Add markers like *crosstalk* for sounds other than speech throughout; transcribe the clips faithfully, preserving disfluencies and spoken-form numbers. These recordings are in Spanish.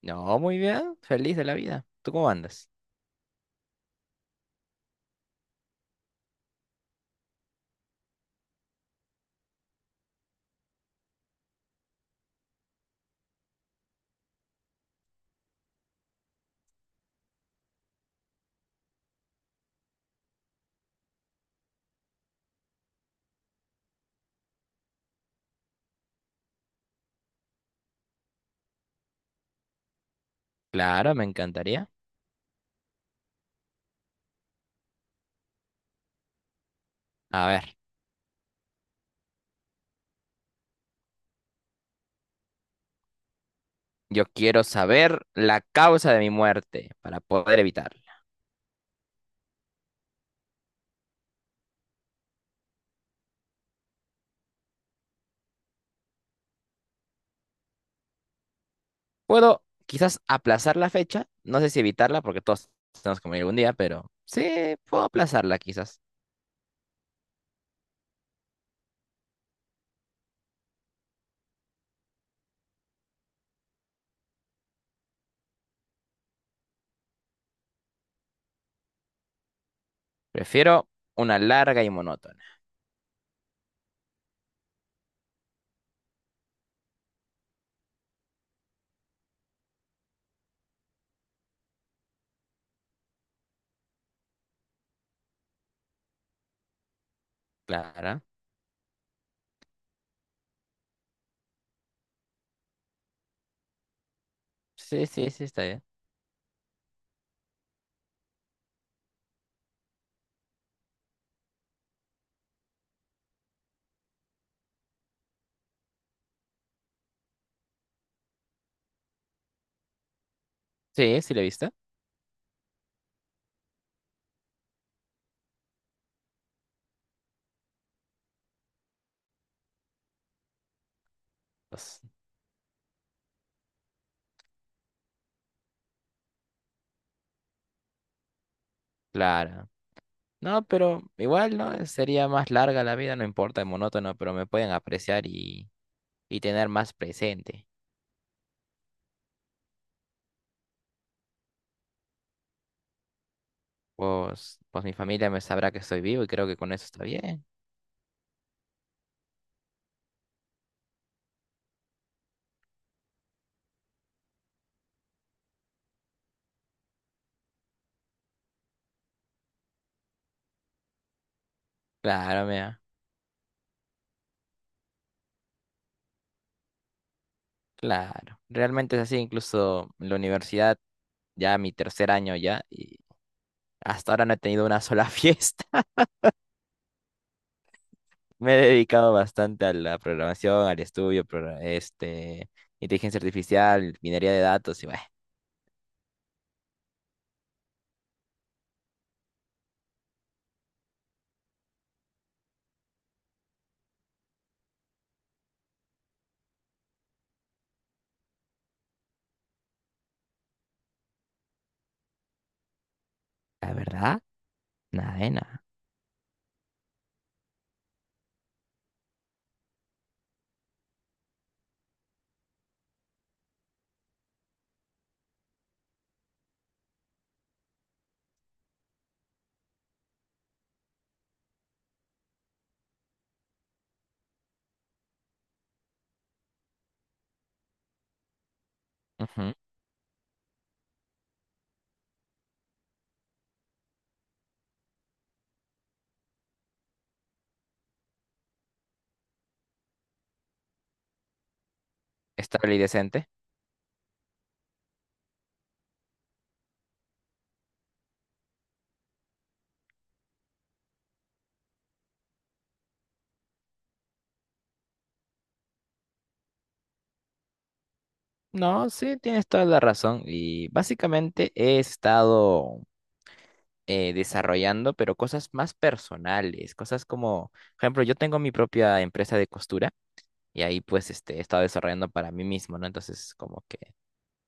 No, muy bien, feliz de la vida. ¿Tú cómo andas? Claro, me encantaría. A ver, yo quiero saber la causa de mi muerte para poder evitarla. Puedo quizás aplazar la fecha, no sé si evitarla porque todos tenemos que morir algún día, pero sí, puedo aplazarla quizás. Prefiero una larga y monótona. Claro. Sí, sí, sí, está bien. Sí, sí, lo he visto. Pues, claro. No, pero igual, ¿no? Sería más larga la vida, no importa, monótono, pero me pueden apreciar y, y tener más presente. Pues, pues mi familia me sabrá que estoy vivo y creo que con eso está bien. Claro, mira, claro. Realmente es así, incluso en la universidad, ya mi tercer año ya, y hasta ahora no he tenido una sola *laughs* fiesta. Me he dedicado bastante a la programación, al estudio, pro- este, inteligencia artificial, minería de datos y bueno, la verdad, nada de nada. Ujú. Estable y decente. No, sí, tienes toda la razón. Y básicamente he estado eh, desarrollando, pero cosas más personales, cosas como, por ejemplo, yo tengo mi propia empresa de costura y ahí pues este, he estado desarrollando para mí mismo, ¿no? Entonces, como que,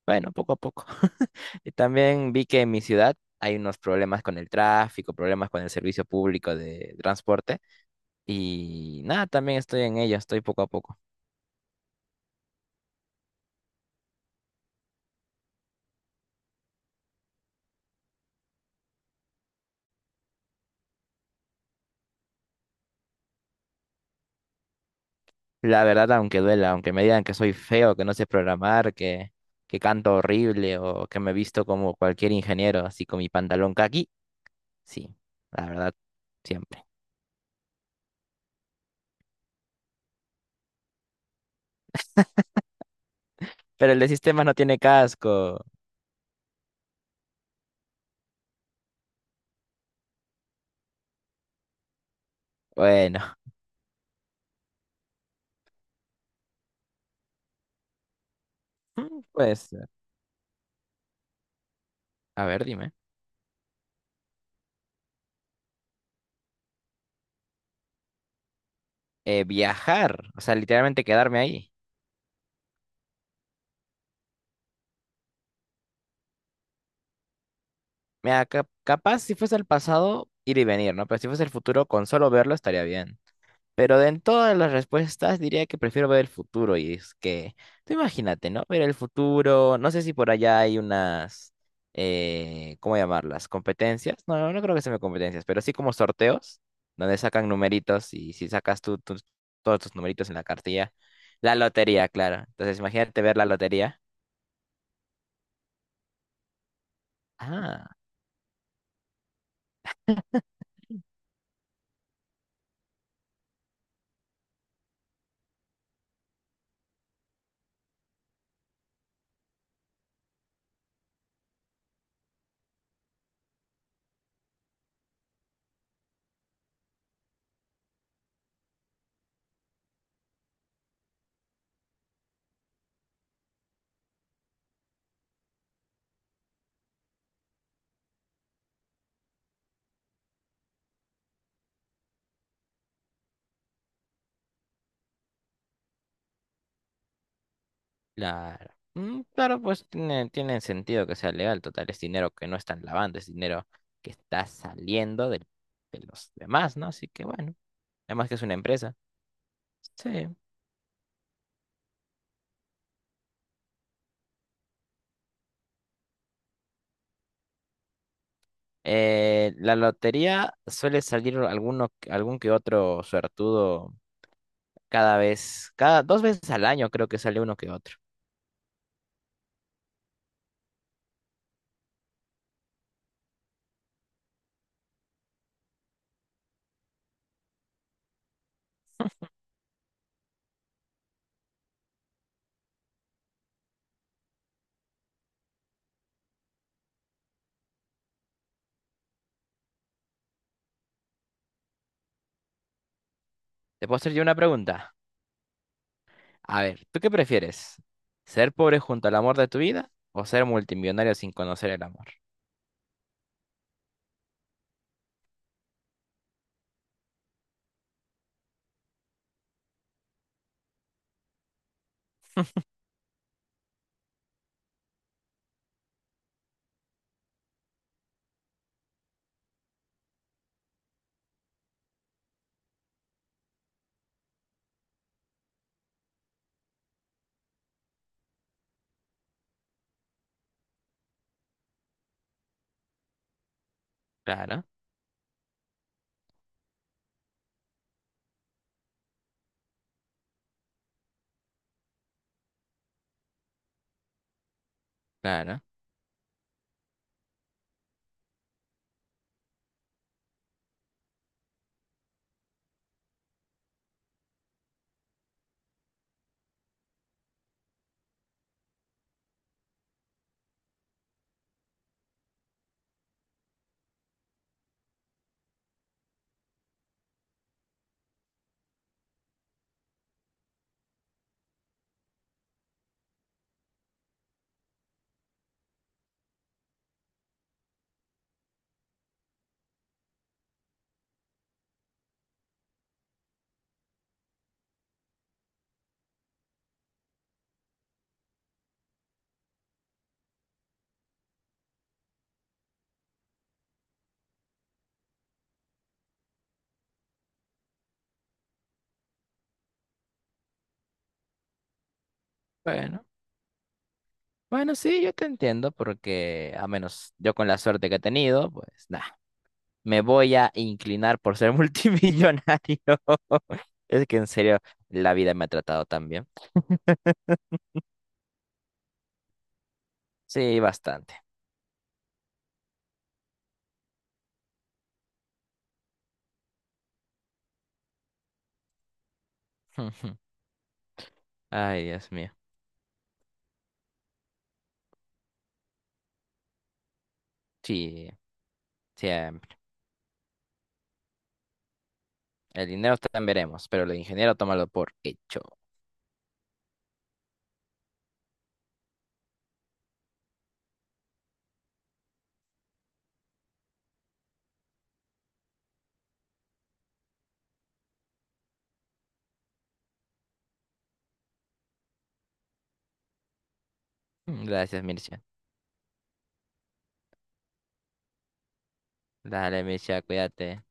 bueno, poco a poco. *laughs* Y también vi que en mi ciudad hay unos problemas con el tráfico, problemas con el servicio público de transporte y nada, también estoy en ello, estoy poco a poco. La verdad, aunque duela, aunque me digan que soy feo, que no sé programar, que... que canto horrible o que me he visto como cualquier ingeniero, así con mi pantalón caqui. Sí, la verdad, siempre. Pero el de sistemas no tiene casco. Bueno, *laughs* pues, a ver, dime. Eh, viajar, o sea, literalmente quedarme ahí. Mira, cap- capaz si fuese el pasado, ir y venir, ¿no? Pero si fuese el futuro, con solo verlo estaría bien. Pero de en todas las respuestas diría que prefiero ver el futuro y es que, tú imagínate, ¿no? Ver el futuro, no sé si por allá hay unas, eh, ¿cómo llamarlas? ¿Competencias? No, no no creo que sean competencias, pero sí como sorteos, donde sacan numeritos y si sacas tú tus- todos tus numeritos en la cartilla, la lotería, claro. Entonces imagínate ver la lotería. Ah. Claro. Mm, claro, pues tiene, tiene sentido que sea legal. Total, es dinero que no están lavando, es dinero que está saliendo del- de, los demás, ¿no? Así que bueno, además que es una empresa. Sí. Eh, la lotería suele salir alguno, algún que otro suertudo cada vez, cada dos veces al año, creo que sale uno que otro. ¿Te puedo hacer yo una pregunta? A ver, ¿tú qué prefieres? ¿Ser pobre junto al amor de tu vida o ser multimillonario sin conocer el amor? Claro, claro. Bueno. Bueno, sí, yo te entiendo porque a menos yo con la suerte que he tenido, pues nada, me voy a inclinar por ser *laughs* multimillonario. *laughs* Es que en serio, la vida me ha tratado tan bien. Sí, bastante. *laughs* Ay, Dios mío. Sí, siempre. El dinero también veremos, pero el ingeniero tómalo por hecho. Gracias, Mircea. Dale, Mircea, cuídate.